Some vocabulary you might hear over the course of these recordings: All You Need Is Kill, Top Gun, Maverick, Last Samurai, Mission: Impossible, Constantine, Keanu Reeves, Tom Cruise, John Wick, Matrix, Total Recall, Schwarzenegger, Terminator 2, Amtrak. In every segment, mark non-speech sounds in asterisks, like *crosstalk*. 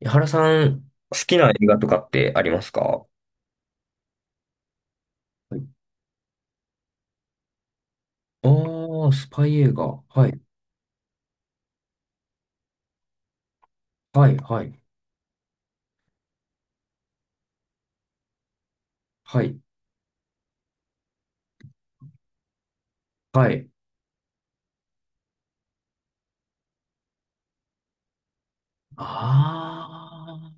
井原さん、好きな映画とかってありますか？はい。ああ、スパイ映画。はい。はい、はい、はい、はい。ああ、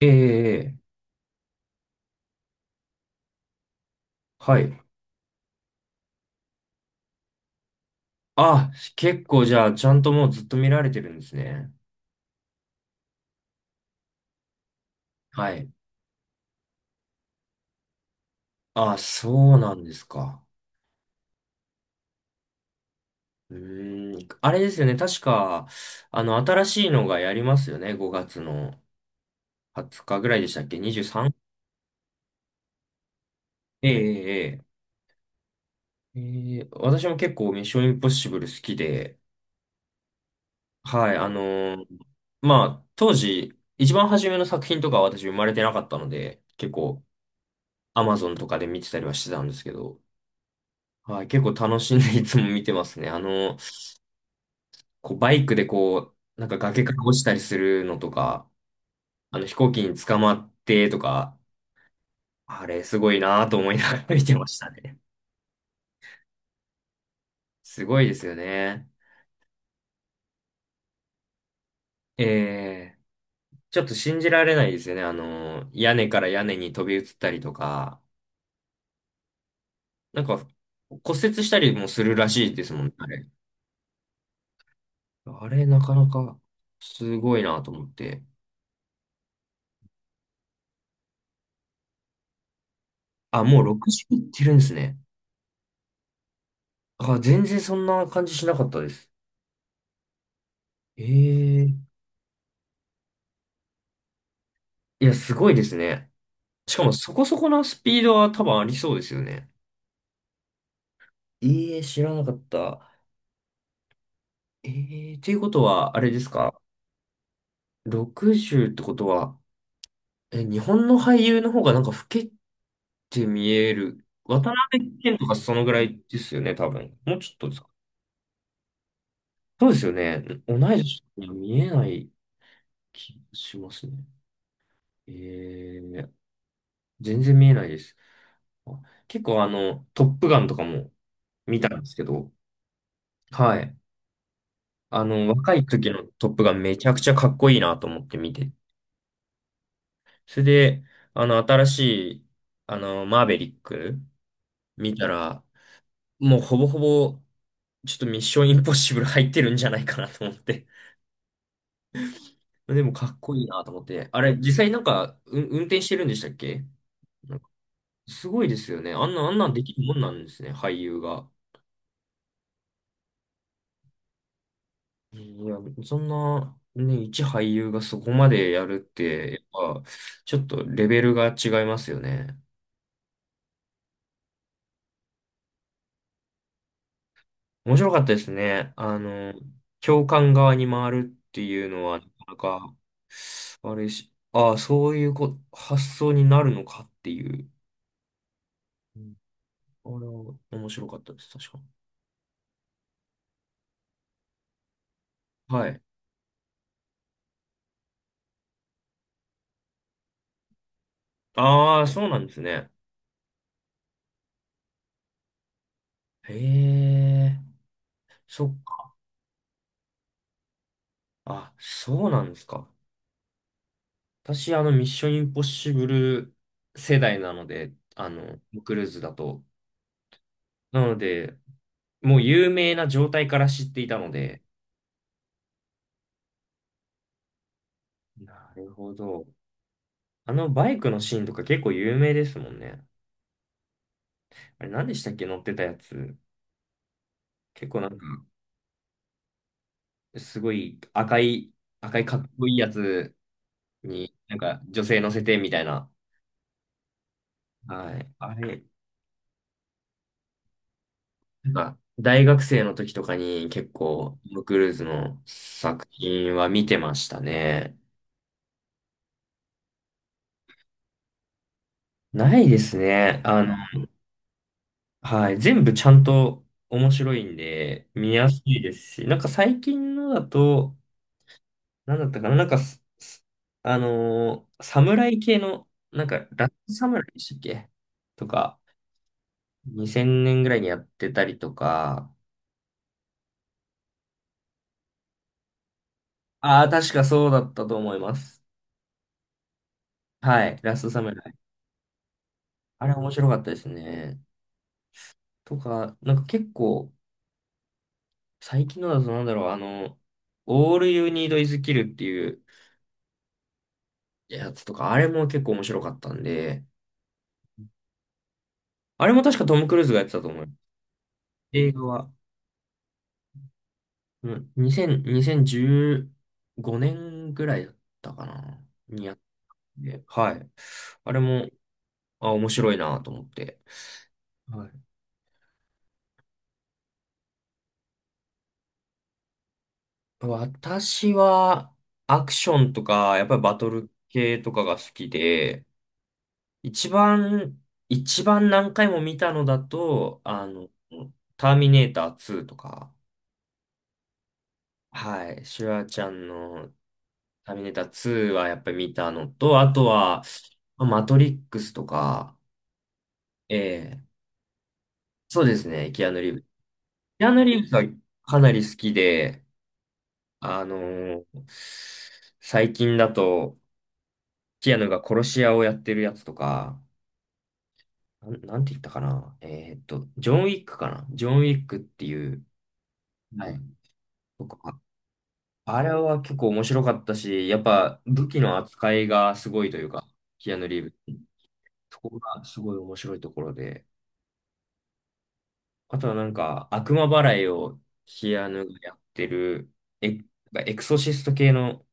ええ、ええ、はい。あ、結構じゃあ、ちゃんともうずっと見られてるんですね。はい。あ、そうなんですか。うーん。あれですよね。確か、新しいのがやりますよね。5月の20日ぐらいでしたっけ？ 23？ ええ、ええ、ええ。ええ、私も結構ミッションインポッシブル好きで、はい、ーまあ、当時、一番初めの作品とかは私生まれてなかったので、結構、アマゾンとかで見てたりはしてたんですけど、はい、結構楽しんでいつも見てますね。こう、バイクでこう、なんか崖から落ちたりするのとか、飛行機に捕まってとか、あれ、すごいなと思いながら見てましたね。*laughs* すごいですよね。ええ、ちょっと信じられないですよね。屋根から屋根に飛び移ったりとか、なんか骨折したりもするらしいですもんね、あれ。あれ、なかなかすごいなと思って。あ、もう60いってるんですね。あ、全然そんな感じしなかったです。ええ、いや、すごいですね。しかもそこそこのスピードは多分ありそうですよね。ええ、知らなかった。ええ、ということは、あれですか？ 60 ってことは、え、日本の俳優の方がなんか老けて見える。渡辺謙とかそのぐらいですよね、多分。もうちょっとですか？そうですよね。同い年には見えない気がしますね。えー、全然見えないです。あ、結構トップガンとかも見たんですけど、はい。若い時のトップガンめちゃくちゃかっこいいなと思って見て。それで、新しい、マーベリック見たら、もうほぼほぼ、ちょっとミッションインポッシブル入ってるんじゃないかなと思って。でもかっこいいなと思って。あれ、実際なんか、運転してるんでしたっけ？すごいですよね。あんなんできるもんなんですね、俳優が。いや、そんな、ね、一俳優がそこまでやるって、やっぱ、ちょっとレベルが違いますよね。面白かったですね。教官側に回るっていうのは、なかなか、あれし、ああ、そういうこ、発想になるのかっていう。うん。あれは面白かったです、確か。はい。ああ、そうなんですね。へえ、そっか。あ、そうなんですか。私、ミッションインポッシブル世代なので、トムクルーズだと。なので、もう有名な状態から知っていたので、なるほど。あのバイクのシーンとか結構有名ですもんね。あれ、何でしたっけ乗ってたやつ。結構なんか、すごい赤いかっこいいやつに、なんか女性乗せてみたいな。はい。あれ、なんか、大学生の時とかに結構、トムクルーズの作品は見てましたね。ないですね。はい。全部ちゃんと面白いんで、見やすいですし、なんか最近のだと、なんだったかな、なんかす、す侍系の、なんか、ラット侍でしたっけ？とか、2000年ぐらいにやってたりとか、ああ、確かそうだったと思います。はい。ラストサムライ。あれ面白かったですね。とか、なんか結構、最近のだとなんだろう、All You Need Is Kill っていう、やつとか、あれも結構面白かったんで、あれも確かトム・クルーズがやってたと思う映画は、うん、2000、2015年ぐらいだったかな、にやって、はい。あれも、あ、面白いなと思って。はい。私は、アクションとか、やっぱりバトル系とかが好きで、一番、一番何回も見たのだと、ターミネーター2とか、はい、シュワちゃんのターミネーター2はやっぱり見たのと、あとは、まあマトリックスとか、ええ、そうですね、キアヌ・リーブス。キアヌ・リーブスはかなり好きで、あのー最近だと、キアヌが殺し屋をやってるやつとか、なんて言ったかな。ジョン・ウィックかな。ジョン・ウィックっていう、はい。とか、あれは結構面白かったし、やっぱ武器の扱いがすごいというか、キアヌ・リーブス。そこがすごい面白いところで、あとはなんか、悪魔払いをキアヌがやってる、エ、エクソシスト系の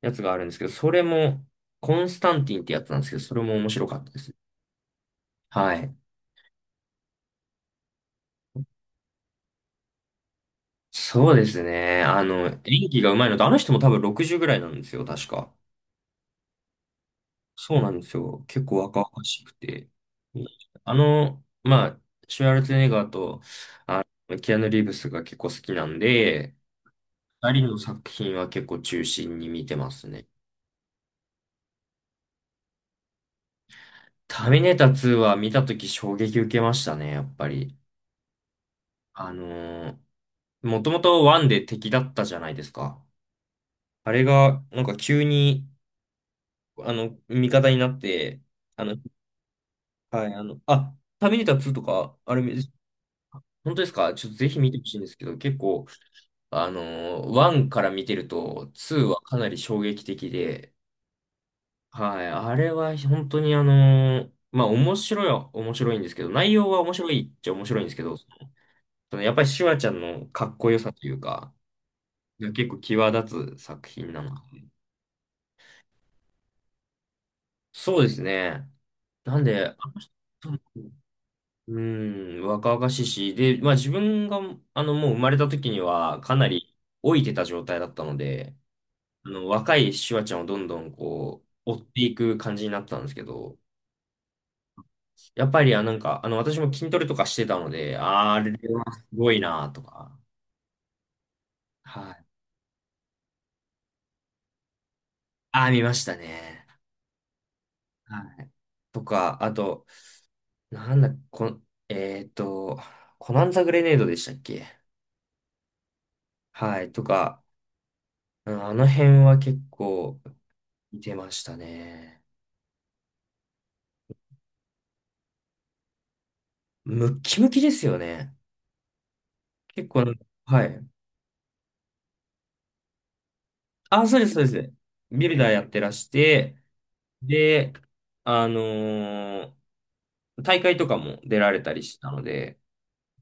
やつがあるんですけど、それも、コンスタンティンってやつなんですけど、それも面白かったです。はい。そうですね。演技が上手いのと、あの人も多分60ぐらいなんですよ、確か。そうなんですよ。結構若々しくて。まあ、シュワルツェネッガーとキアヌ・リーブスが結構好きなんで、二人の作品は結構中心に見てますね。ターミネーター2は見たとき衝撃受けましたね、やっぱり。あのー、もともと1で敵だったじゃないですか。あれが、なんか急に、味方になって、あの、はい、あ、ターミネーター2とか、あれ、本当ですか？ちょっとぜひ見てほしいんですけど、結構、あの1から見てると、2はかなり衝撃的で、はい、あれは本当にまあ面白いは面白いんですけど、内容は面白いっちゃ面白いんですけど、そのやっぱりシュワちゃんのかっこよさというか、が結構際立つ作品なのかな。そうですね。なんで、あの人うん、若々しいし、で、まあ自分が、もう生まれた時にはかなり老いてた状態だったので、若いシュワちゃんをどんどんこう、追っていく感じになったんですけど、やっぱり、あ、なんか、私も筋トレとかしてたので、あー、あれはすごいなとか、はい。あー、見ましたね。はい。とか、あと、なんだ、こえーっと、コナンザグレネードでしたっけ？はい、とか、うん。あの辺は結構見てましたね。ムッキムキですよね。結構なんか、はい。あ、そうです、そうです。ビルダーやってらして、で、あのー大会とかも出られたりしたので、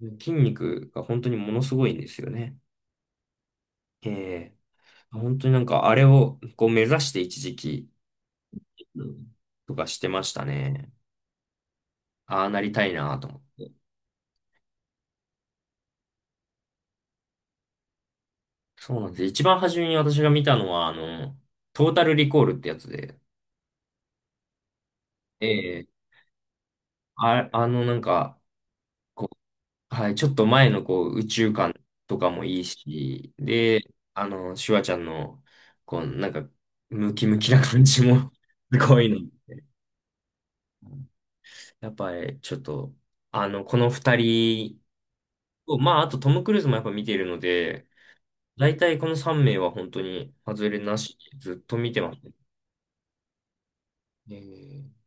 筋肉が本当にものすごいんですよね。ええ、本当になんかあれをこう目指して一時期、うんとかしてましたね。ああなりたいなと思って。そうなんです。一番初めに私が見たのは、トータルリコールってやつで、ええ、あ、なんか、こう、はい、ちょっと前の、こう、宇宙観とかもいいし、で、シュワちゃんの、こう、なんか、ムキムキな感じも *laughs* すごいの。やっぱり、ちょっと、この二人と、まあ、あとトム・クルーズもやっぱ見てるので、大体この三名は本当に外れなし、ずっと見てますね。ええ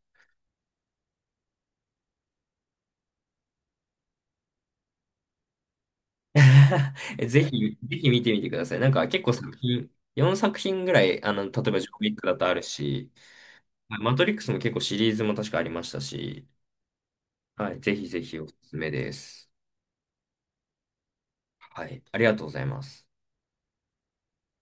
*laughs* ぜひ、ぜひ見てみてください。なんか結構作品、4作品ぐらい、例えばジョーウィックだとあるし、はいマトリックスも結構シリーズも確かありましたし、はい、ぜひぜひおすすめです。はい、ありがとうございます。